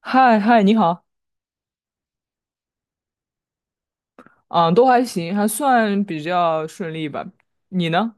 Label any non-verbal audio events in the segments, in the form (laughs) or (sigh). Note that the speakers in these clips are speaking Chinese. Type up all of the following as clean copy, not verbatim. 嗨嗨，你好，嗯，都还行，还算比较顺利吧。你呢？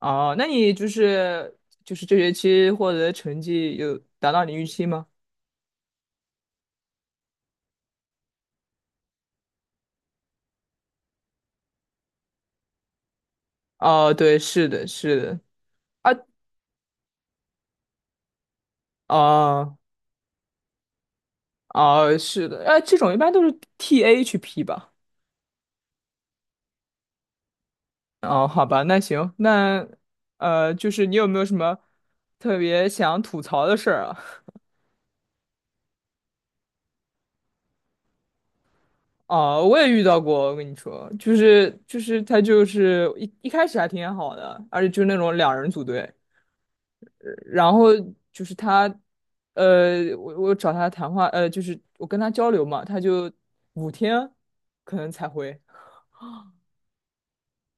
哦，那你就是这学期获得的成绩有达到你预期吗？哦，对，是的，是的，啊，哦哦，是的，啊，这种一般都是 TA 去批吧。哦，好吧，那行，那就是你有没有什么特别想吐槽的事儿啊？哦，我也遇到过，我跟你说，就是他就是一开始还挺好的，而且就是那种2人组队。然后就是他，我找他谈话，就是我跟他交流嘛，他就5天可能才回，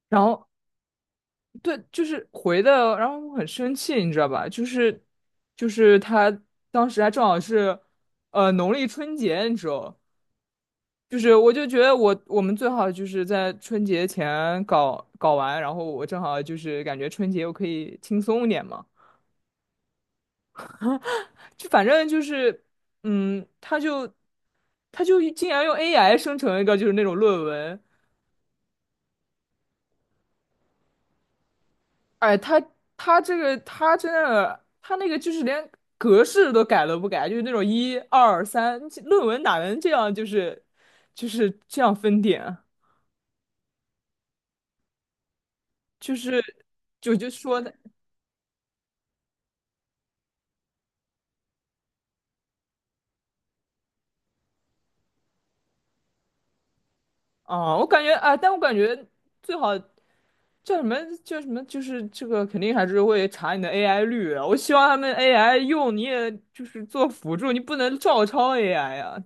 然后对，就是回的，然后我很生气，你知道吧？就是他当时还正好是，农历春节，你知道。就是我就觉得我们最好就是在春节前搞搞完，然后我正好就是感觉春节我可以轻松一点嘛，就反正就是，嗯，他就他就竟然用 AI 生成一个就是那种论文。哎，他他这个他真的他那个就是连格式都改都不改，就是那种一二三论文哪能这样就是这样分点啊。就是就说的。哦，我感觉啊，但我感觉最好叫什么？叫什么？就是这个肯定还是会查你的 AI 率啊。我希望他们 AI 用你也就是做辅助，你不能照抄 AI 啊。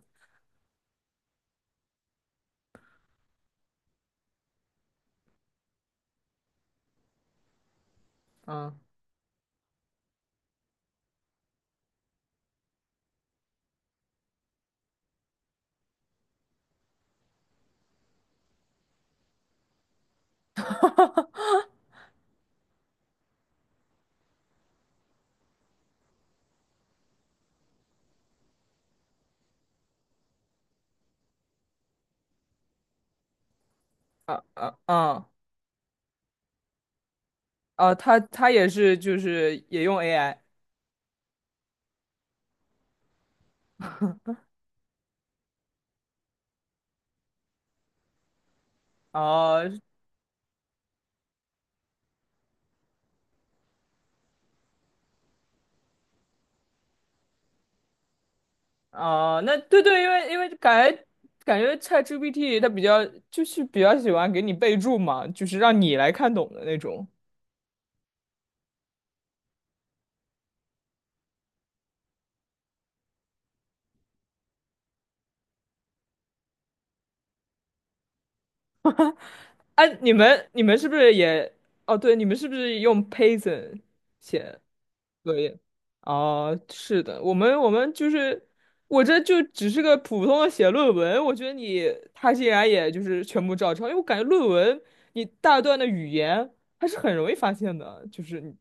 嗯啊啊啊啊！他也是就是也用 AI。 哦哦，那对对，因为感觉 ChatGPT 它比较喜欢给你备注嘛，就是让你来看懂的那种。哎、你们是不是也？哦，对，你们是不是用 Python 写？作业啊，是的，我们就是我这就只是个普通的写论文，我觉得他竟然也就是全部照抄，因为我感觉论文你大段的语言还是很容易发现的，就是你。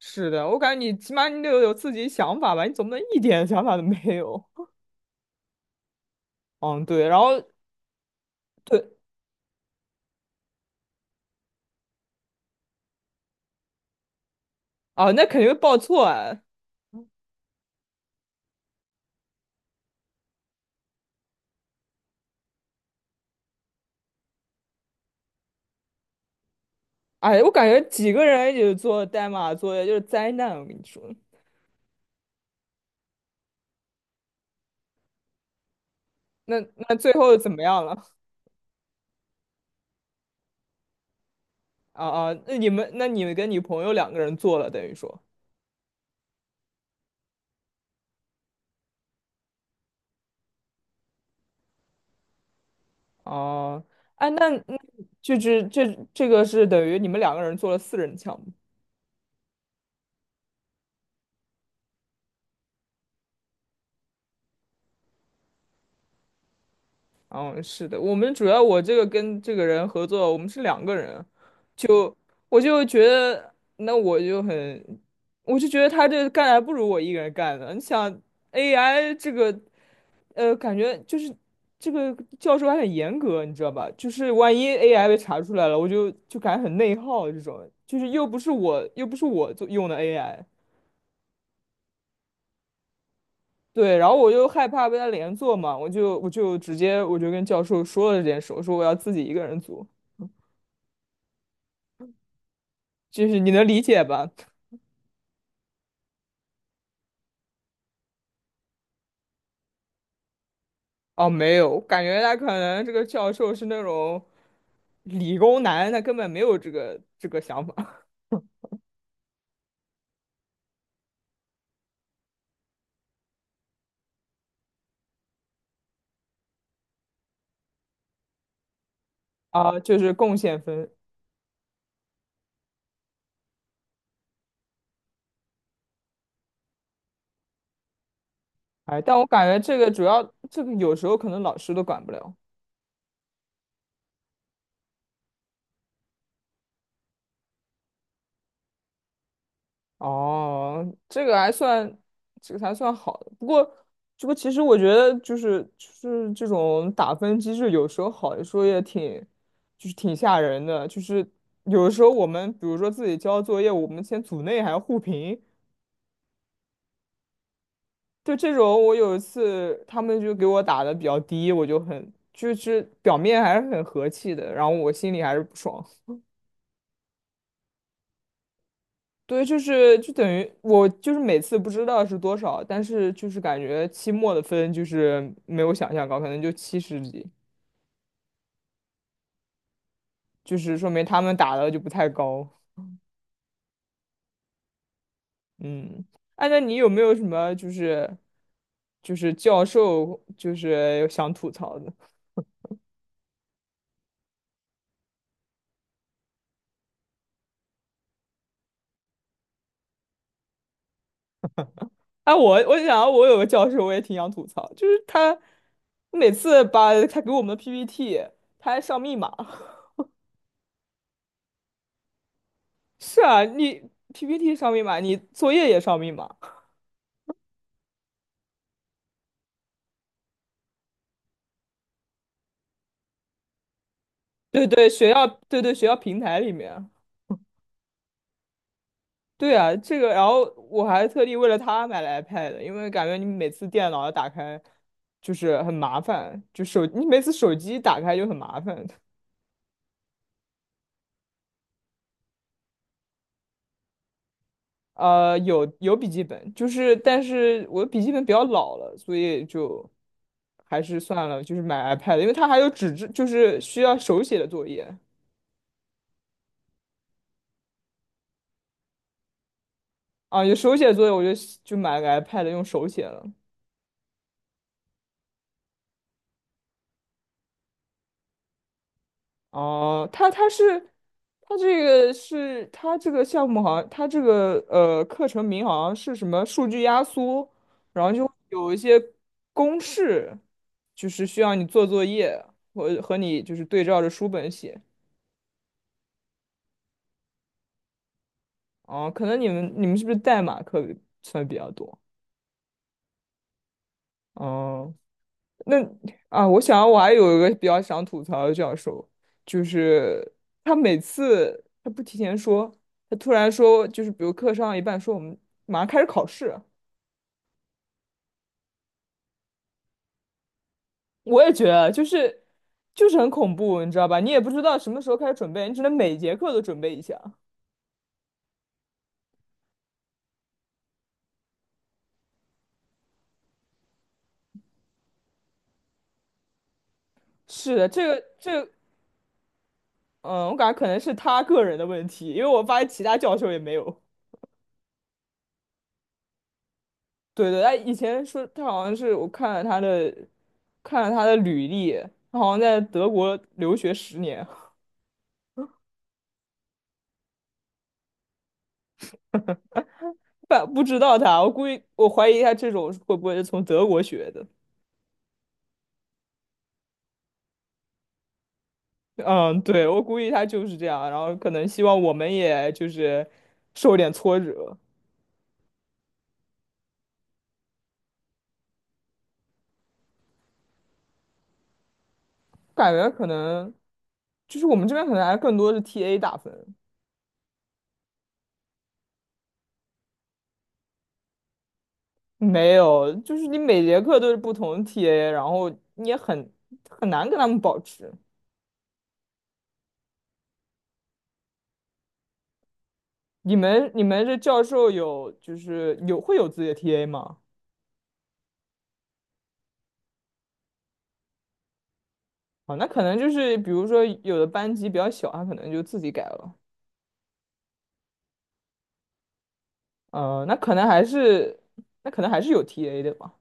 是的，我感觉你起码你得有自己想法吧，你总不能一点想法都没有。嗯，对，然后对啊，那肯定会报错啊。哎，我感觉几个人一起做代码作业就是灾难，我跟你说，那那最后怎么样了？啊啊，那你们跟你朋友两个人做了，等于说，哦、啊哎，那就是这个是等于你们两个人做了4人项目。嗯，是的，我们主要我这个跟这个人合作，我们是两个人，就我就觉得，那我就很，我就觉得他这干还不如我一个人干呢。你想 AI 这个，感觉就是这个教授还很严格，你知道吧？就是万一 AI 被查出来了，我就感觉很内耗这种，就是又不是我做用的 AI。对，然后我就害怕被他连坐嘛，我就直接跟教授说了这件事，我说我要自己一个人组，嗯就是你能理解吧？哦，没有，感觉他可能这个教授是那种理工男，他根本没有这个想法 (laughs) 啊，就是贡献分。哎，但我感觉这个主要这个有时候可能老师都管不了。哦，这个还算好的。不过，这个其实我觉得就是这种打分机制，有时候好，的时候也挺，就是挺吓人的。就是有的时候我们比如说自己交作业，我们先组内还要互评。就这种，我有一次他们就给我打的比较低，我就很就是表面还是很和气的，然后我心里还是不爽。对，就等于我就是每次不知道是多少，但是就是感觉期末的分就是没有想象高，可能就70几，就是说明他们打的就不太高。嗯，哎，那你有没有什么就是教授就是想吐槽的？哎，我想我有个教授我也挺想吐槽，就是他每次把他给我们的 PPT，他还上密码。(laughs) 是啊，你 PPT 上密码，你作业也上密码。对对，学校，对对，学校平台里面，对啊，这个，然后我还特地为了他买了 iPad，因为感觉你每次电脑要打开就是很麻烦，你每次手机打开就很麻烦。有笔记本，就是但是我的笔记本比较老了，所以就还是算了，就是买 iPad，因为它还有纸质，就是需要手写的作业啊，有手写作业，我就买了个 iPad 用手写了。哦，他他是他这个是他这个项目好像他这个课程名好像是什么数据压缩，然后就有一些公式，就是需要你做作业和你就是对照着书本写。哦，可能你们是不是代码课算比较多？哦、那啊，我想我还有一个比较想吐槽的教授，就是他每次不提前说，他突然说，就是比如课上到一半说我们马上开始考试，我也觉得就是很恐怖，你知道吧？你也不知道什么时候开始准备，你只能每节课都准备一下。是的，这个，嗯，我感觉可能是他个人的问题，因为我发现其他教授也没有。对对，他以前说他好像是我看了他的，看了他的履历，他好像在德国留学10年。(laughs) 但不知道他，我估计我怀疑他这种会不会是从德国学的。嗯，对，我估计他就是这样，然后可能希望我们也就是受点挫折，感觉可能就是我们这边可能还更多是 TA 打分，没有，就是你每节课都是不同 TA，然后你也很难跟他们保持。你们这教授有就是有会有自己的 TA 吗？啊，那可能就是比如说有的班级比较小，他可能就自己改了。呃，那可能还是那可能还是有 TA 的吧。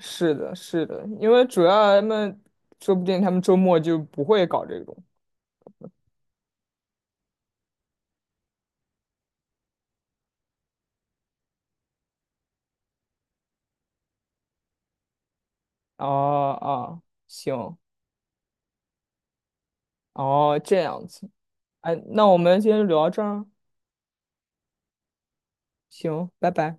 是的，是的，因为主要他们说不定周末就不会搞这种。哦哦，行，哦这样子，哎，那我们今天就聊到这儿，行，拜拜。